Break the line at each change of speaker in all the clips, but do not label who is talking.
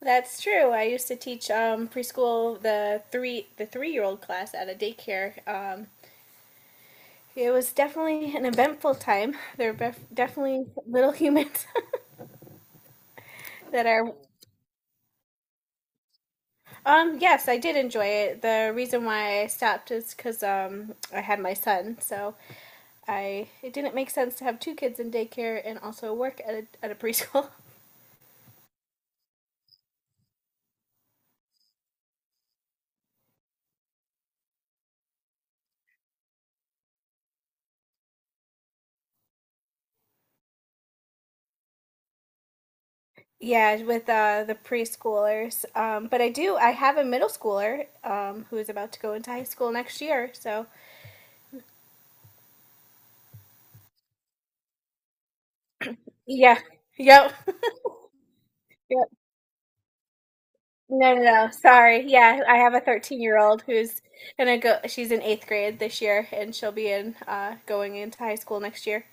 That's true. I used to teach preschool the 3-year-old class at a daycare. It was definitely an eventful time. They're definitely little humans that are. Yes, I did enjoy it. The reason why I stopped is because I had my son, so I it didn't make sense to have two kids in daycare and also work at a preschool. Yeah, with the preschoolers. But I have a middle schooler who is about to go into high school next year. So yeah. Yep. Yep. No, no, no. Sorry. Yeah, I have a 13-year-old who's gonna go. She's in eighth grade this year, and she'll be in going into high school next year.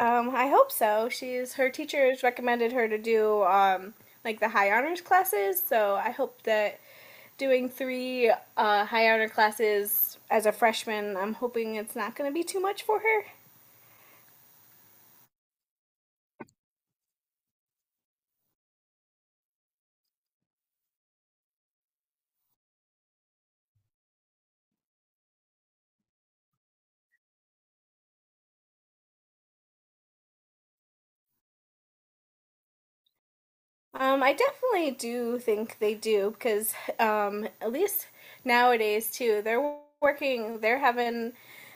I hope so. She's her teachers recommended her to do like the high honors classes, so I hope that doing three high honor classes as a freshman, I'm hoping it's not gonna be too much for her. I definitely do think they do because at least nowadays too, they're working, they're having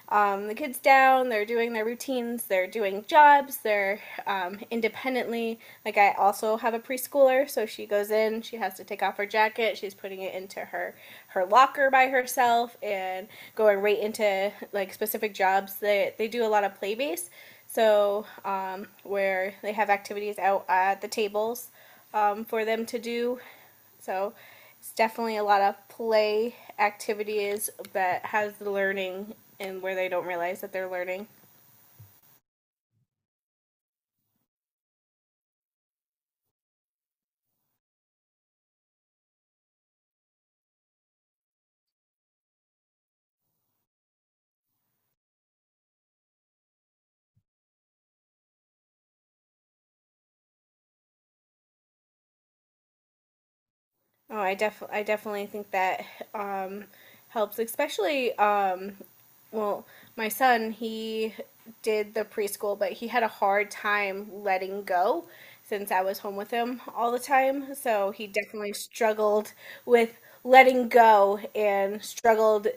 the kids down, they're doing their routines, they're doing jobs, they're independently. Like I also have a preschooler, so she goes in, she has to take off her jacket, she's putting it into her locker by herself, and going right into like specific jobs. They do a lot of play based, so where they have activities out at the tables for them to do. So it's definitely a lot of play activities that has the learning and where they don't realize that they're learning. Oh, I definitely think that um, helps, especially well, my son, he did the preschool, but he had a hard time letting go since I was home with him all the time. So he definitely struggled with letting go and struggled,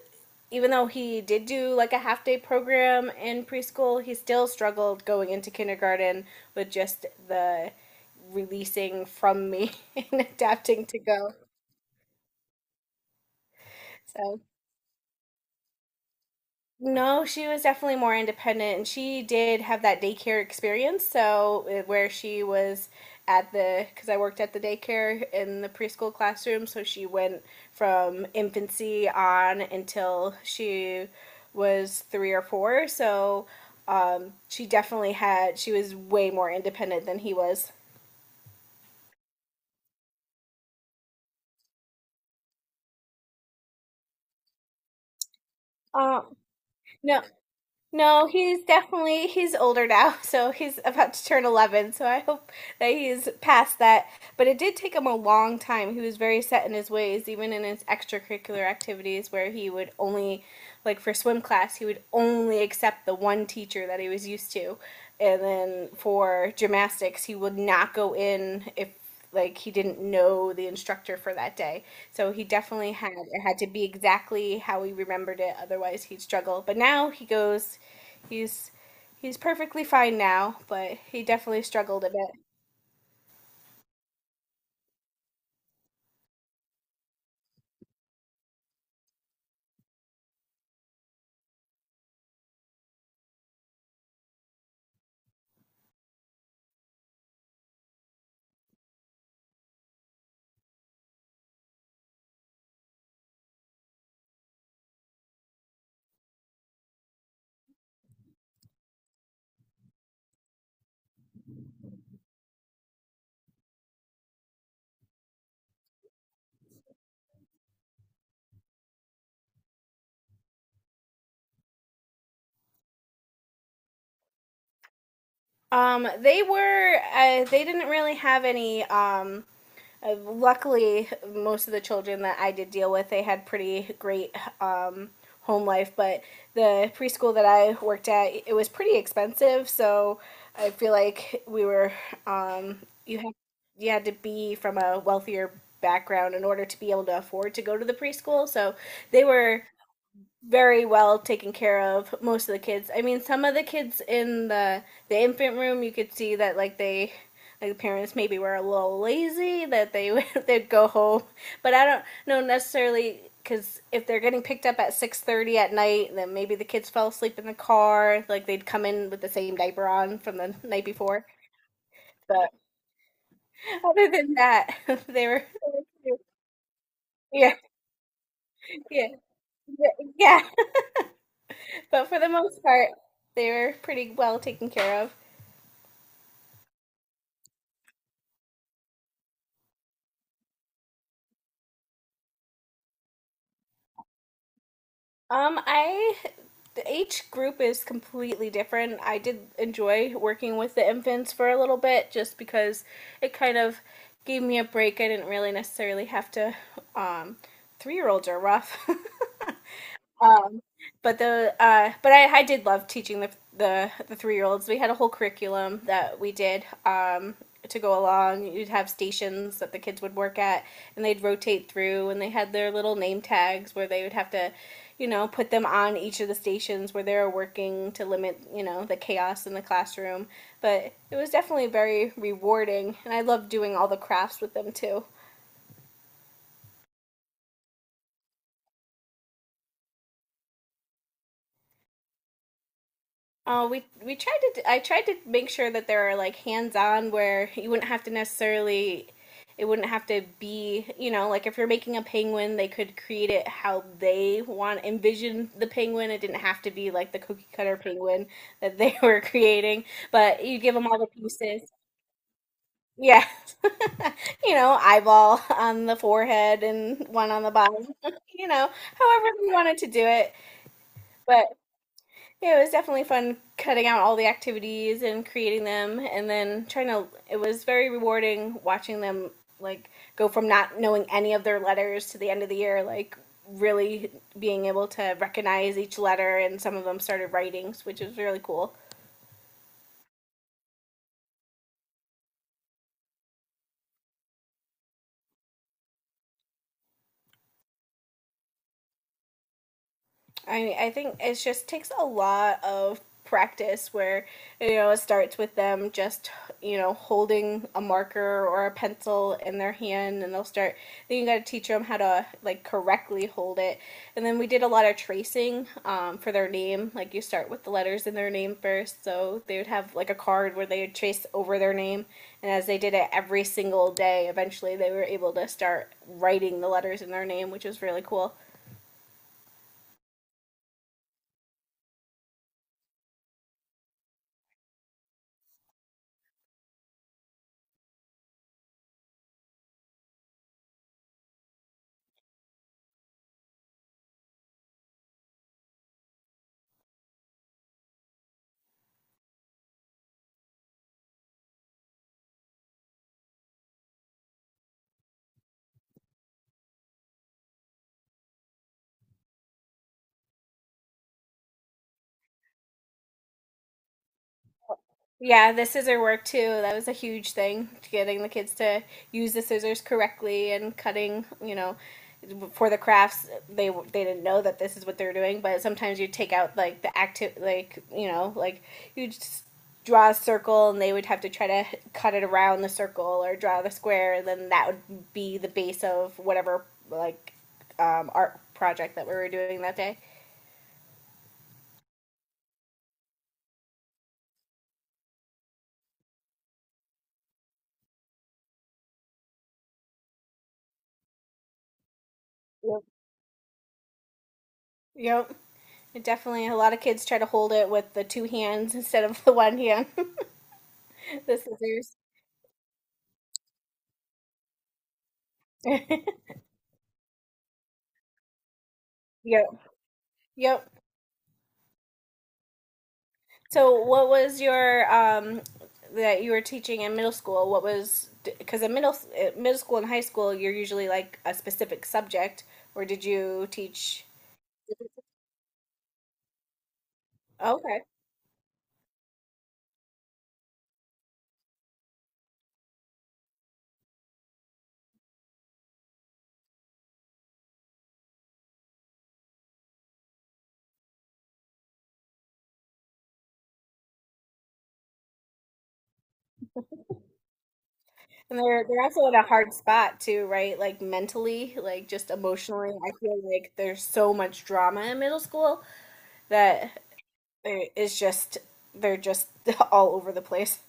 even though he did do like a half day program in preschool, he still struggled going into kindergarten with just the releasing from me and adapting to go. So, no, she was definitely more independent, and she did have that daycare experience. So, where she was at the, because I worked at the daycare in the preschool classroom, so she went from infancy on until she was three or four. So, she definitely had, she was way more independent than he was. Um, no, no, he's definitely, he's older now, so he's about to turn 11, so I hope that he's past that. But it did take him a long time. He was very set in his ways, even in his extracurricular activities where he would only like for swim class, he would only accept the one teacher that he was used to. And then for gymnastics, he would not go in if like he didn't know the instructor for that day. So he definitely had, it had to be exactly how he remembered it, otherwise he'd struggle. But now he goes, he's he's perfectly fine now, but he definitely struggled a bit. They were. They didn't really have any. Luckily, most of the children that I did deal with, they had pretty great um, home life. But the preschool that I worked at, it was pretty expensive. So I feel like we were. Um, you had you had to be from a wealthier background in order to be able to afford to go to the preschool. So they were very well taken care of, most of the kids. I mean some of the kids in the infant room you could see that, like, they, like, the parents maybe were a little lazy, that they they'd go home, but I don't know necessarily, because if they're getting picked up at 6:30 at night, then maybe the kids fell asleep in the car, like they'd come in with the same diaper on from the night before, but other than that they were. Yeah, yeah, yeah, yeah. But for the most part they were pretty well taken care of. I Each group is completely different. I did enjoy working with the infants for a little bit just because it kind of gave me a break. I didn't really necessarily have to. um 3-year-olds are rough. um, but I did love teaching the 3-year-olds. We had a whole curriculum that we did to go along. You'd have stations that the kids would work at, and they'd rotate through, and they had their little name tags where they would have to, put them on each of the stations where they were working, to limit, the chaos in the classroom. But it was definitely very rewarding, and I loved doing all the crafts with them too. Oh, we tried to. I tried to make sure that there are like hands-on where you wouldn't have to necessarily. It wouldn't have to be, like if you're making a penguin, they could create it how they want envision the penguin. It didn't have to be like the cookie cutter penguin that they were creating, but you give them all the pieces. Yeah, eyeball on the forehead and one on the bottom. You know, However you wanted to do it, but yeah, it was definitely fun cutting out all the activities and creating them and then trying to. It was very rewarding watching them like go from not knowing any of their letters to the end of the year, like really being able to recognize each letter, and some of them started writing, which was really cool. I think it just takes a lot of practice where, it starts with them just holding a marker or a pencil in their hand, and they'll start. Then you got to teach them how to like correctly hold it, and then we did a lot of tracing for their name, like you start with the letters in their name first, so they would have like a card where they would trace over their name, and as they did it every single day, eventually they were able to start writing the letters in their name, which was really cool. Yeah, the scissor work too. That was a huge thing, to getting the kids to use the scissors correctly and cutting. For the crafts, they didn't know that this is what they're doing. But sometimes you take out like the active, like, like you just draw a circle, and they would have to try to cut it around the circle or draw the square, and then that would be the base of whatever like art project that we were doing that day. Yep. Yep. It definitely, a lot of kids try to hold it with the two hands instead of the one hand. The scissors. Yep. Yep. So, what was your that you were teaching in middle school? What was, because in middle school and high school, you're usually like a specific subject, or did you teach? Oh, okay. And they're also in a hard spot too, right? Like mentally, like just emotionally. I feel like there's so much drama in middle school that there is just, they're just all over the place.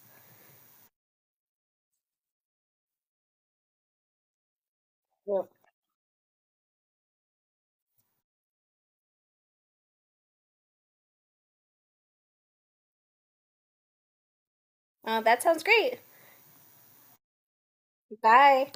Yep. That sounds great. Bye.